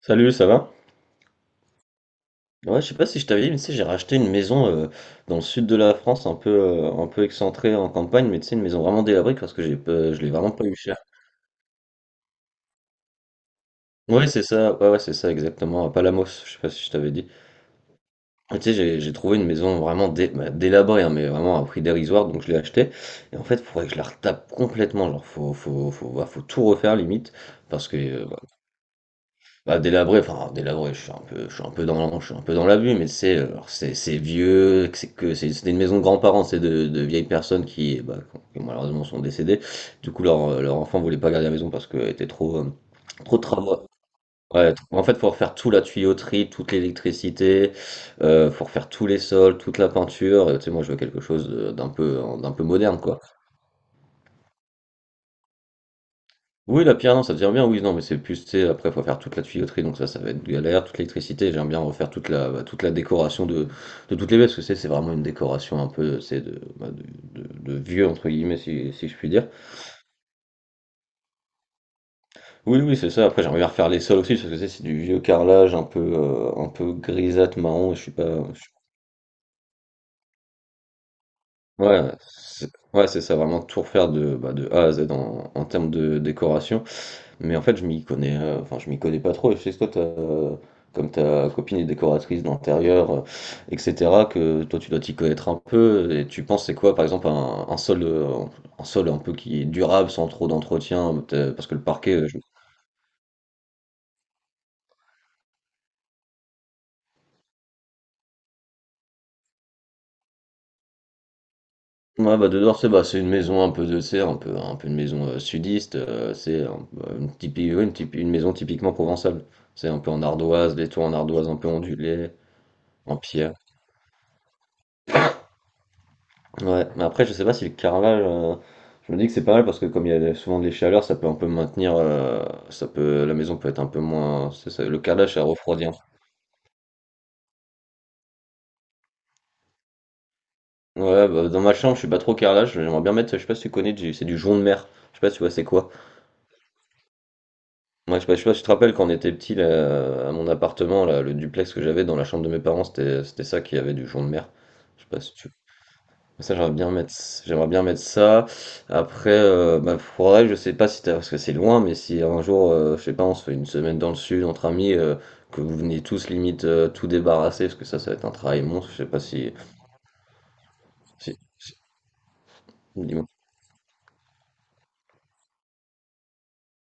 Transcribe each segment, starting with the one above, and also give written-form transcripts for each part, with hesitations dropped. Salut, ça va? Ouais, je sais pas si je t'avais dit, mais tu sais, j'ai racheté une maison dans le sud de la France, un peu excentrée en campagne, mais tu sais, une maison vraiment délabrée parce que j'ai, pas- je l'ai vraiment pas eu cher. Ouais, c'est ça, ouais, ouais, c'est ça, exactement, à Palamos, je sais pas si je t'avais dit. Et tu sais, j'ai trouvé une maison vraiment délabrée, hein, mais vraiment à un prix dérisoire, donc je l'ai achetée. Et en fait, faudrait que je la retape complètement, genre, faut tout refaire limite, parce que délabré, je suis un peu je suis un peu dans je suis un peu dans l'abus, mais c'est vieux, que c'est c'était une maison de grands-parents, c'est de vieilles personnes qui, bah, qui malheureusement sont décédées. Du coup, leur enfant voulait pas garder la maison parce qu'elle était trop, trop de travaux. En fait, faut refaire tout, la tuyauterie, toute l'électricité, faut refaire tous les sols, toute la peinture, tu sais, moi je veux quelque chose d'un peu moderne, quoi. Oui, la pierre, non, ça devient bien, oui, non, mais c'est plus, tu sais, après, faut faire toute la tuyauterie, donc ça va être galère, toute l'électricité, j'aime bien refaire toute la, bah, toute la décoration de toutes les baies, parce que c'est vraiment une décoration un peu, c'est de, bah, de, de vieux, entre guillemets, si, si je puis dire. Oui, oui, c'est ça, après, j'aimerais bien refaire les sols aussi, parce que c'est du vieux carrelage un peu grisâtre, marron, et je suis pas, je suis- ouais, c'est ça, vraiment tout refaire de, bah, de A à Z en, en termes de décoration. Mais en fait, je m'y connais pas trop. Et je sais que toi, t'as as comme ta copine est décoratrice d'intérieur, et cetera, que toi, tu dois t'y connaître un peu et tu penses c'est quoi, par exemple, un sol, un sol un peu qui est durable sans trop d'entretien? Peut-ê Parce que le parquet, je ouais, bah, de dehors, c'est, bah, c'est une maison un peu de, tu un peu une maison, sudiste, c'est un une typi oui, une typi une maison typiquement provençale. C'est un peu en ardoise, les toits en ardoise un peu ondulés, en pierre. Ouais, mais après, je sais pas si le carrelage, je me dis que c'est pas mal parce que comme il y a souvent des chaleurs, ça peut un peu maintenir, ça peut, la maison peut être un peu moins, c'est ça, le carrelage, ça refroidit. Un peu. Ouais, bah, dans ma chambre, je suis pas trop carrelage, j'aimerais bien mettre, je sais pas si tu connais, c'est du jonc de mer, je sais pas si tu vois c'est quoi. Moi, je sais pas si tu te rappelles quand on était petit là, à mon appartement, là, le duplex que j'avais dans la chambre de mes parents, c'était ça qui avait du jonc de mer. Je sais pas si tu ça, j'aimerais bien mettre ça. Après, bah, faudrait, je sais pas si t'as, parce que c'est loin, mais si un jour, je sais pas, on se fait une semaine dans le sud entre amis, que vous venez tous limite tout débarrasser, parce que ça va être un travail monstre. Je sais pas si, si, si- dis-moi.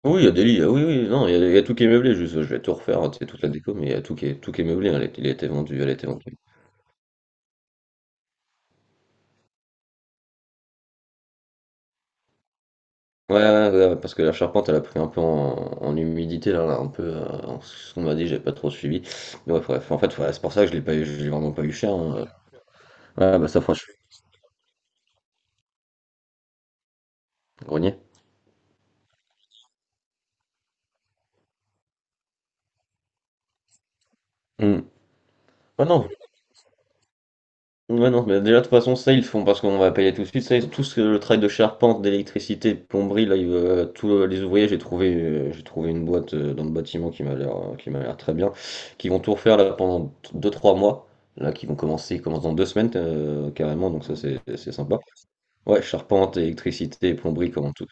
Oui, il y a des lits, ah oui, oui, non, il y a tout qui est meublé, juste, je vais tout refaire, hein, tu sais, toute la déco, mais il y a tout qui est meublé, hein, il a été vendu, elle a été vendue. Ouais, parce que la charpente, elle a pris un peu en, en humidité, là, un peu, ce qu'on m'a dit, j'ai pas trop suivi. Mais ouais, bref, en fait, ouais, c'est pour ça que je l'ai pas eu, je l'ai vraiment pas eu cher, hein. Ouais, bah ça, franchement, grenier. Hmm. Ouais, non, ouais, non, mais déjà, de toute façon, ça, ils le font parce qu'on va payer tout de suite, tout ce, le travail de charpente, d'électricité, de plomberie, là, ils, tous les ouvriers, j'ai trouvé une boîte dans le bâtiment qui m'a l'air très bien, qui vont tout refaire, là, pendant 2 3 mois. Là, qui vont commencer, ils commencent dans 2 semaines carrément, donc ça c'est sympa. Ouais, charpente, électricité, plomberie, comment tout.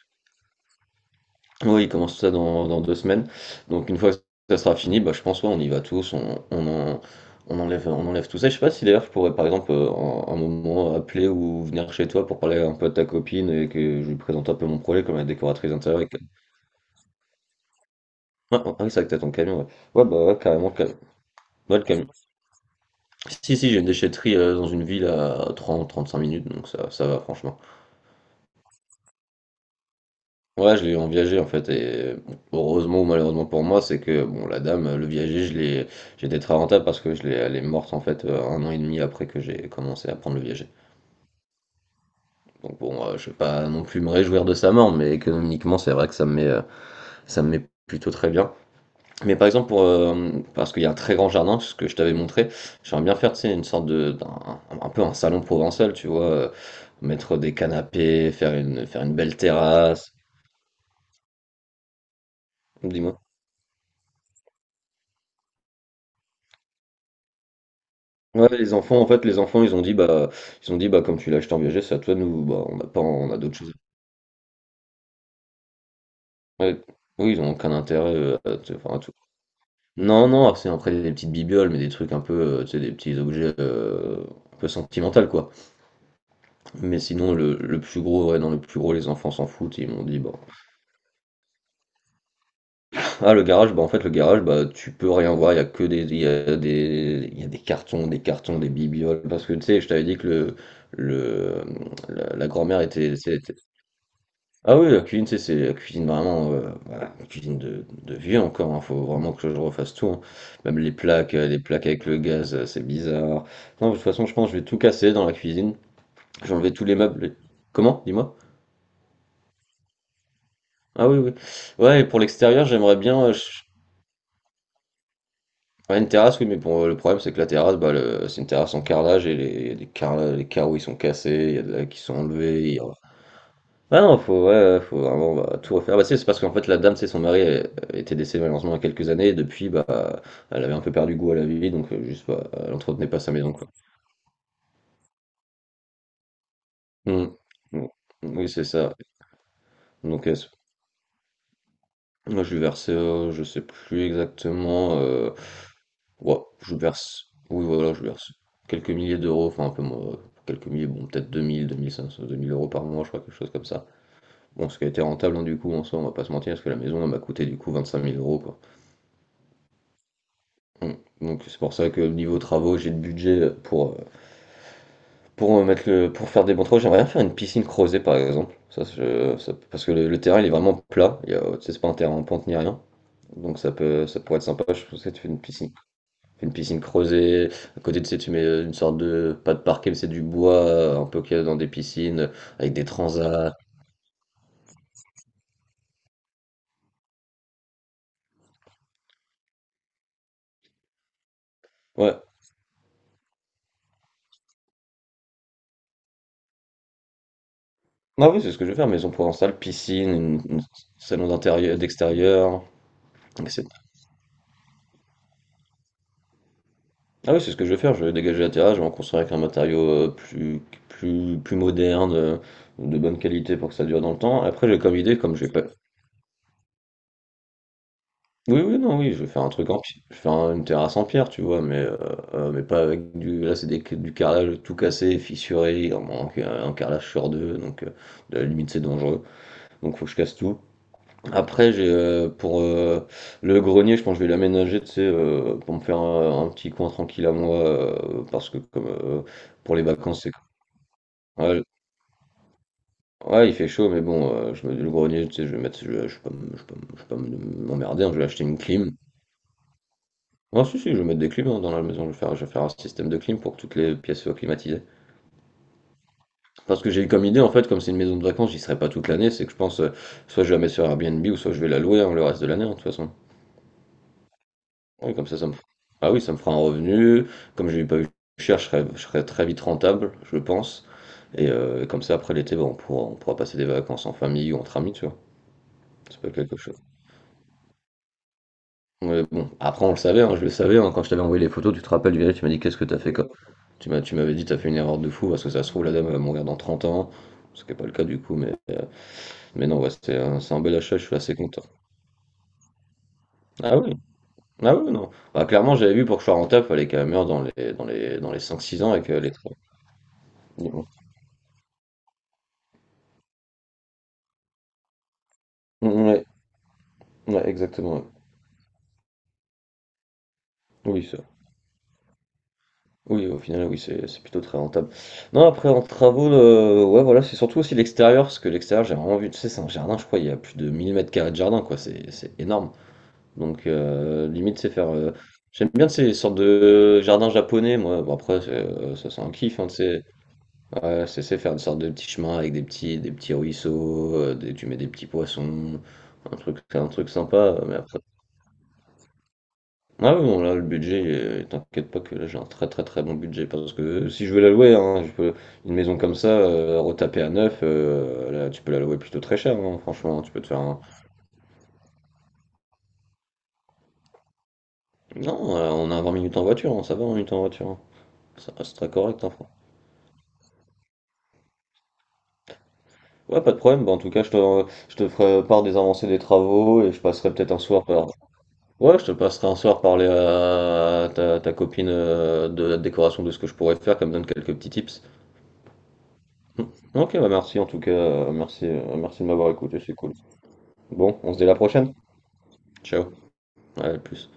Oui, il commence tout ça dans 2 semaines. Donc une fois que ça sera fini, bah, je pense ouais, on y va tous, on enlève tout ça. Je sais pas si d'ailleurs je pourrais par exemple un moment appeler ou venir chez toi pour parler un peu de ta copine et que je lui présente un peu mon projet comme la décoratrice d'intérieur. Ah, ah oui, c'est vrai que t'as ton camion, ouais. Ouais, bah ouais, carrément, ouais, le camion. Si, si, j'ai une déchetterie dans une ville à 30-35 minutes, donc ça va franchement. Ouais, je l'ai eu en viager en fait, et bon, heureusement ou malheureusement pour moi, c'est que bon, la dame, le viager, je l'ai, j'étais très rentable parce que je l'ai, elle est morte en fait 1 an et demi après que j'ai commencé à prendre le viager. Donc bon, je vais pas non plus me réjouir de sa mort, mais économiquement, c'est vrai que ça me met plutôt très bien. Mais par exemple, pour, parce qu'il y a un très grand jardin, ce que je t'avais montré, j'aimerais bien faire, tu sais, une sorte de, un peu un salon provençal, tu vois, mettre des canapés, faire une belle terrasse. Dis-moi. Ouais, les enfants, en fait, ils ont dit, bah, ils ont dit, bah, comme tu l'as acheté en viager, c'est à toi, nous, bah, on n'a pas, on a d'autres choses. Ouais. Oui, ils ont aucun intérêt enfin, à tout. Non, non, c'est après des petites bibioles, mais des trucs un peu, tu sais, des petits objets un peu sentimentaux, quoi. Mais sinon, le plus gros, ouais, non, le plus gros, les enfants s'en foutent, ils m'ont dit, bon. Ah, le garage, bah, en fait, le garage, bah, tu peux rien voir, il y a que des, il y a des, il y a des cartons, des cartons, des bibioles, parce que, tu sais, je t'avais dit que le, la grand-mère était, ah oui, la cuisine, tu sais, c'est la cuisine vraiment, voilà, la cuisine de vieux encore, hein, faut vraiment que je refasse tout, hein. Même les plaques avec le gaz, c'est bizarre. Non, de toute façon, je pense que je vais tout casser dans la cuisine, j'ai enlevé tous les meubles. Comment? Dis-moi. Ah oui, oui. Ouais, et pour l'extérieur, j'aimerais bien, ouais, une terrasse, oui, mais bon, le problème, c'est que la terrasse, c'est une terrasse en carrelage, et les carreaux, ils sont cassés, il y a de la- qui sont enlevés, ah non, faut, ouais, ouais, faut vraiment bah, tout refaire. Bah, c'est parce qu'en fait, la dame, c'est son mari elle- elle était décédé malheureusement il y a quelques années, et depuis, bah, elle avait un peu perdu goût à la vie, donc bah, elle entretenait pas sa maison, quoi. Mm. Bon. Oui, c'est ça. Donc, moi, je lui versais, je sais plus exactement, ouais, je lui verse, oui, voilà, je lui verse quelques milliers d'euros, enfin, un peu moins, quelques milliers, bon, peut-être 2000, 2000 euros par mois, je crois, quelque chose comme ça. Bon, ce qui a été rentable, hein, du coup, en soi, on va pas se mentir, parce que la maison, elle m'a coûté, du coup, 25 000 euros, quoi. Mm. Donc c'est pour ça que niveau travaux, j'ai le budget pour mettre le, pour faire des bons travaux. J'aimerais bien faire une piscine creusée par exemple. Ça, parce que le terrain il est vraiment plat. Il y a, tu sais, c'est pas un terrain en pente ni rien. Donc ça pourrait être sympa. Je pense que tu fais une piscine creusée. À côté de ça, tu mets une sorte de pas de parquet, mais c'est du bois un peu qu'il y a dans des piscines avec des transats. Ouais. Ah oui, c'est ce que je veux faire. Maison provençale, piscine, salon d'intérieur, d'extérieur, etc. Ah oui, c'est ce que je vais faire, je vais dégager la terrasse, je vais en construire avec un matériau euh, plus, plus moderne, de bonne qualité pour que ça dure dans le temps. Après, j'ai comme idée, comme j'ai pas. Oui, oui, non, oui, je vais faire un truc en pierre, je vais faire une terrasse en pierre, tu vois, mais pas avec du. Là, c'est du carrelage tout cassé, fissuré, il en manque un carrelage sur deux, donc à la limite, c'est dangereux, donc faut que je casse tout. Après, j'ai pour le grenier, je pense que je vais l'aménager, tu sais, pour me faire un petit coin tranquille à moi, parce que comme. Pour les vacances. Ouais, ouais, il fait chaud, mais bon, je me le grenier, tu sais, je vais mettre, je vais pas, je vais pas, je vais pas m'emmerder, hein, je vais acheter une clim. Ah si, si, je vais mettre des clims hein, dans la maison, je vais faire un système de clim pour que toutes les pièces soient climatisées. Parce que j'ai eu comme idée, en fait, comme c'est une maison de vacances, j'y serai pas toute l'année, c'est que je pense, soit je vais la mettre sur Airbnb, ou soit je vais la louer hein, le reste de l'année, hein, de toute façon. Oui, comme ça me... Ah oui, ça me fera un revenu, comme j'ai pas eu cher, je serai très vite rentable, je pense. Et comme ça, après l'été, bah, on pourra passer des vacances en famille ou entre amis, tu vois. C'est pas quelque chose. Ouais, bon, après on le savait, hein, je le savais, hein, quand je t'avais envoyé les photos, tu te rappelles, Viral, tu m'as dit qu'est-ce que t'as fait quoi? Tu m'as, tu m'avais dit t'as fait une erreur de fou, parce que ça se trouve la dame elle va mourir dans 30 ans, ce qui n'est pas le cas du coup, mais non, ouais, c'est un bel achat, je suis assez content. Ah oui, ah oui, non. Bah, clairement j'avais vu pour que je sois rentable, fallait qu'elle meure dans les cinq six ans et qu'elle ait... Ouais, ouais, exactement, ouais. Oui, ça. Oui, au final, oui, c'est plutôt très rentable. Non, après, en travaux, ouais, voilà, c'est surtout aussi l'extérieur, parce que l'extérieur, j'ai vraiment vu, tu sais, c'est un jardin, je crois, il y a plus de 1000 m² de jardin, quoi, c'est énorme. Donc, limite, c'est faire. J'aime bien ces sortes de jardins japonais, moi, bon, après, c'est, ça, c'est un kiff, hein, tu sais. Ouais, c'est faire une sorte de petits chemins avec des petits ruisseaux, tu mets des petits poissons, un truc sympa, mais après. Ah oui, bon, là, le budget, t'inquiète pas que là, j'ai un très très très bon budget. Parce que si je veux la louer, hein, je peux, une maison comme ça, retapée à neuf, là, tu peux la louer plutôt très cher, hein, franchement. Tu peux te faire un. Non, on a 20 minutes en voiture, hein, ça va, 20 minutes en voiture, hein. Ça reste très correct, hein, franchement. Ouais, pas de problème. Bah, en tout cas, je te ferai part des avancées des travaux et je passerai peut-être un soir par. Ouais, je te passerai un soir parler à ta copine de la décoration de ce que je pourrais faire, comme donne quelques petits tips. Mm. Ok, bah merci en tout cas, merci de m'avoir écouté, c'est cool. Bon, on se dit à la prochaine. Ciao, à plus.